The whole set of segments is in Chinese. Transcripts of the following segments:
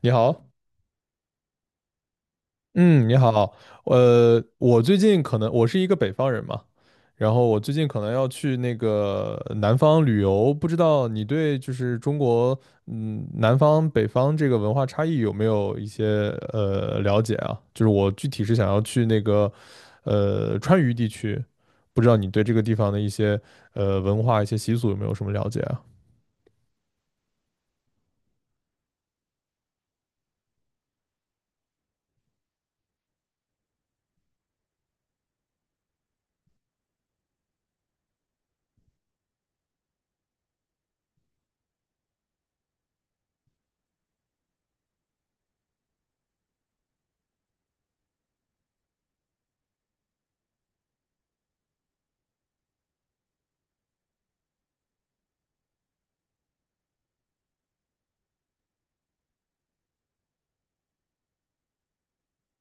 你好，嗯，你好，我最近可能我是一个北方人嘛，然后我最近可能要去那个南方旅游，不知道你对就是中国，南方北方这个文化差异有没有一些了解啊？就是我具体是想要去那个，川渝地区，不知道你对这个地方的一些文化一些习俗有没有什么了解啊？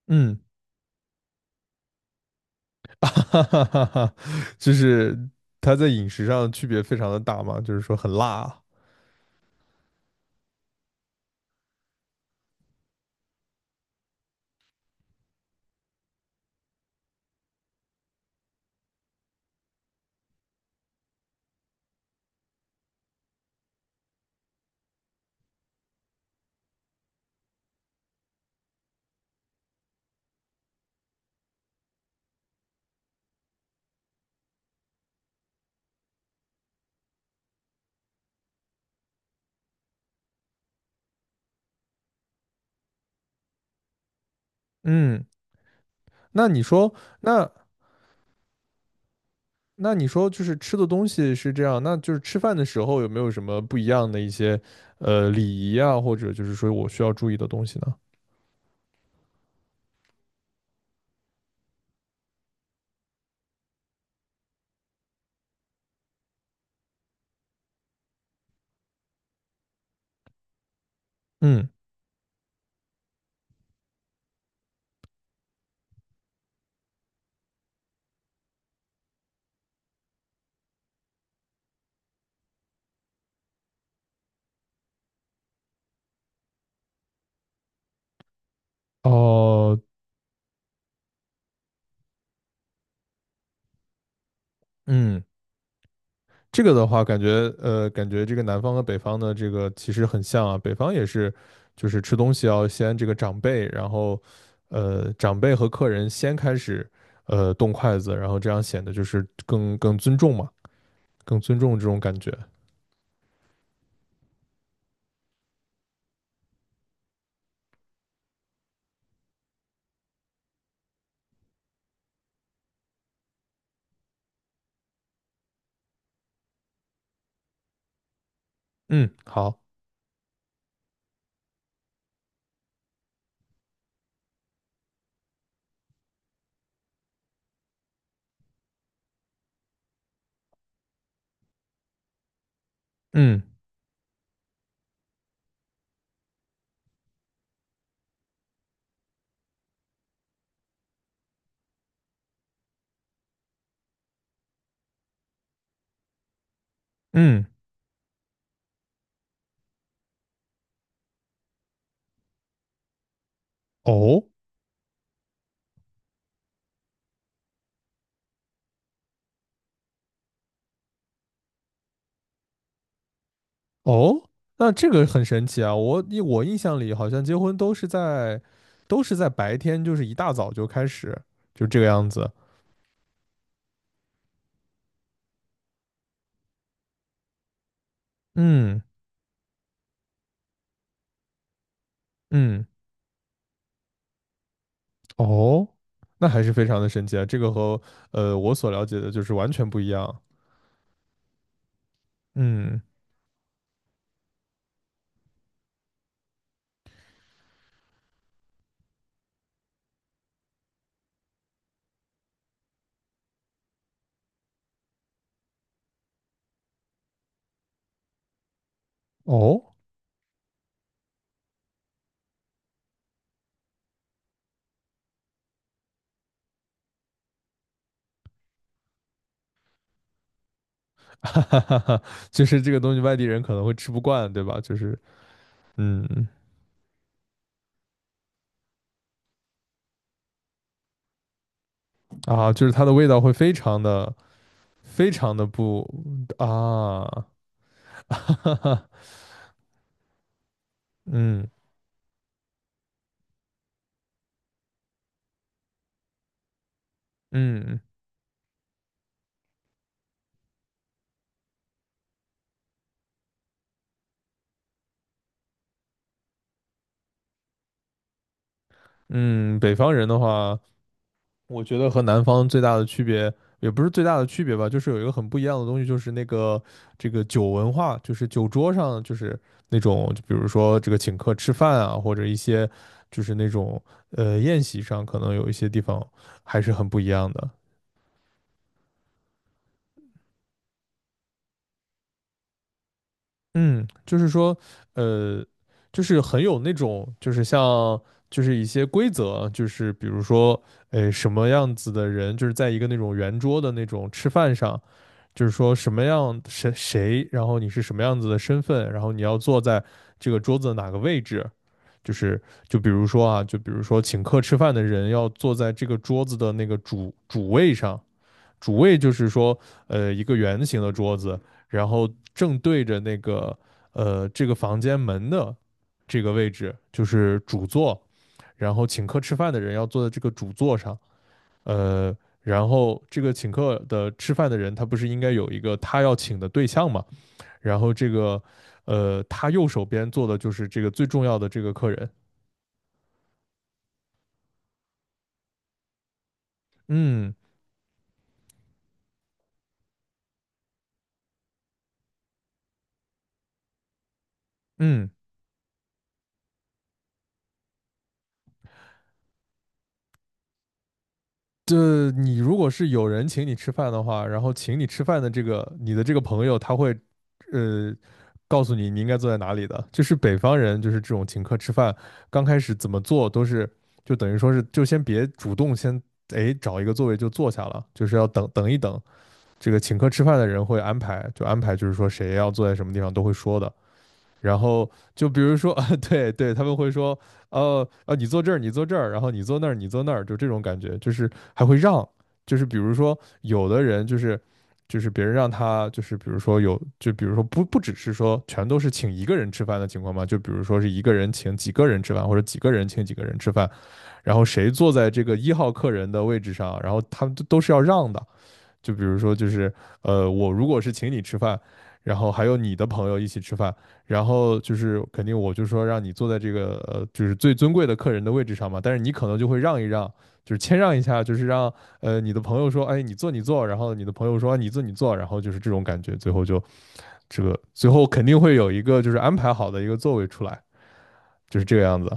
嗯。哈哈哈哈，就是它在饮食上区别非常的大嘛，就是说很辣啊。嗯，那你说，那那你说，就是吃的东西是这样，那就是吃饭的时候有没有什么不一样的一些礼仪啊，或者就是说我需要注意的东西呢？嗯，哦，嗯。这个的话，感觉这个南方和北方的这个其实很像啊。北方也是，就是吃东西要先这个长辈，然后长辈和客人先开始动筷子，然后这样显得就是更尊重嘛，更尊重这种感觉。嗯，好，嗯嗯，哦哦，那这个很神奇啊！我印象里好像结婚都是在白天，就是一大早就开始，就这个样子。嗯嗯，哦，那还是非常的神奇啊，这个和我所了解的就是完全不一样。嗯，哦，哈哈哈哈，就是这个东西外地人可能会吃不惯，对吧？嗯就是它的味道会非常的非常的不啊，哈哈哈，嗯嗯嗯，北方人的话。我觉得和南方最大的区别，也不是最大的区别吧，就是有一个很不一样的东西，就是那个这个酒文化，就是酒桌上就是那种，就比如说这个请客吃饭啊，或者一些就是那种宴席上，可能有一些地方还是很不一样的。嗯，就是说，呃，就是很有那种，就是像就是一些规则，就是比如说，什么样子的人，就是在一个那种圆桌的那种吃饭上。就是说什么样谁谁，然后你是什么样子的身份，然后你要坐在这个桌子的哪个位置，就是就比如说请客吃饭的人要坐在这个桌子的那个主位上，主位就是说一个圆形的桌子，然后正对着那个这个房间门的这个位置就是主座，然后请客吃饭的人要坐在这个主座上，呃，然后这个请客的吃饭的人，他不是应该有一个他要请的对象嘛？然后这个，他右手边坐的就是这个最重要的这个客人。嗯嗯，这你如果是有人请你吃饭的话，然后请你吃饭的这个你的这个朋友，他会，呃。告诉你你应该坐在哪里的，就是北方人，就是这种请客吃饭，刚开始怎么做都是，就等于说是，就先别主动先，哎，找一个座位就坐下了，就是要等等一等，这个请客吃饭的人会安排就是说谁要坐在什么地方都会说的。然后就比如说，啊，对对，他们会说，你坐这儿，你坐这儿，然后你坐那儿，你坐那儿，就这种感觉，就是还会让，就是比如说有的人就是别人让他就是比如说不只是说全都是请一个人吃饭的情况嘛，就比如说是一个人请几个人吃饭，或者几个人请几个人吃饭，然后谁坐在这个一号客人的位置上，然后他们都是要让的。就比如说，就是我如果是请你吃饭，然后还有你的朋友一起吃饭，然后就是肯定我就说让你坐在这个就是最尊贵的客人的位置上嘛，但是你可能就会让一让，就是谦让一下，就是让你的朋友说，哎，你坐你坐，然后你的朋友说、啊你坐你坐，然后就是这种感觉，最后就这个最后肯定会有一个就是安排好的一个座位出来，就是这个样子。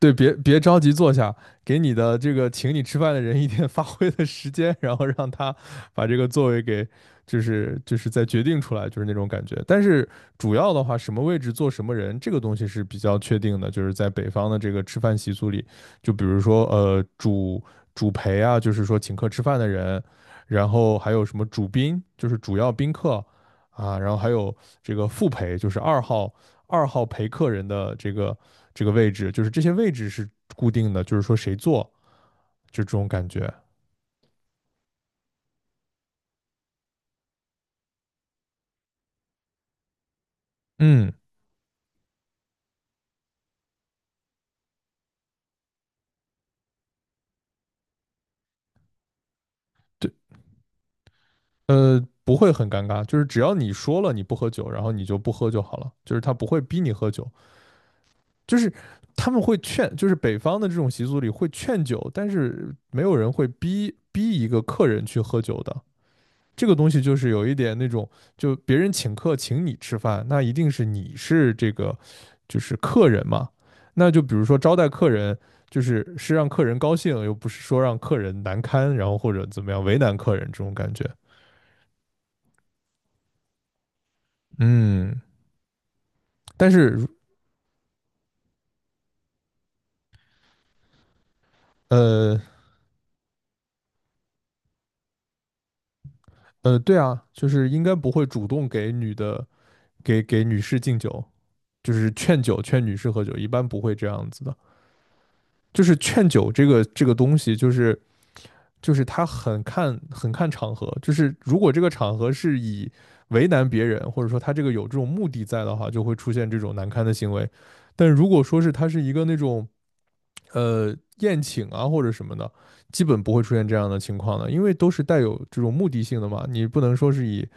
对，别着急坐下，给你的这个请你吃饭的人一点 发挥的时间，然后让他把这个座位给，就是再决定出来，就是那种感觉。但是主要的话，什么位置坐什么人，这个东西是比较确定的，就是在北方的这个吃饭习俗里，就比如说主陪啊，就是说请客吃饭的人，然后还有什么主宾，就是主要宾客啊，然后还有这个副陪，就是二号陪客人的这个。这个位置，就是这些位置是固定的，就是说谁坐就这种感觉。嗯，对，不会很尴尬，就是只要你说了你不喝酒，然后你就不喝就好了，就是他不会逼你喝酒，就是他们会劝，就是北方的这种习俗里会劝酒，但是没有人会逼一个客人去喝酒的。这个东西就是有一点那种，就别人请客请你吃饭，那一定是你是这个就是客人嘛。那就比如说招待客人，就是是让客人高兴，又不是说让客人难堪，然后或者怎么样为难客人这种感觉。嗯，但是呃对啊，就是应该不会主动给女士敬酒，就是劝酒劝女士喝酒，一般不会这样子的。就是劝酒这个东西，就是他很看场合，就是如果这个场合是以为难别人，或者说他这个有这种目的在的话，就会出现这种难堪的行为。但如果说是他是一个那种宴请啊或者什么的，基本不会出现这样的情况的，因为都是带有这种目的性的嘛。你不能说是以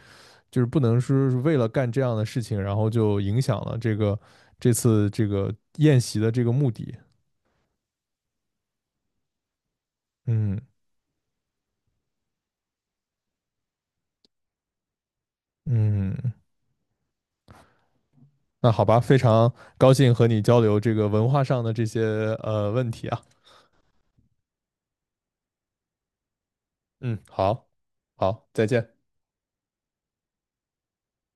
就是不能说是为了干这样的事情，然后就影响了这次这个宴席的这个目的。嗯嗯，那好吧，非常高兴和你交流这个文化上的这些问题啊。嗯，好，好，再见。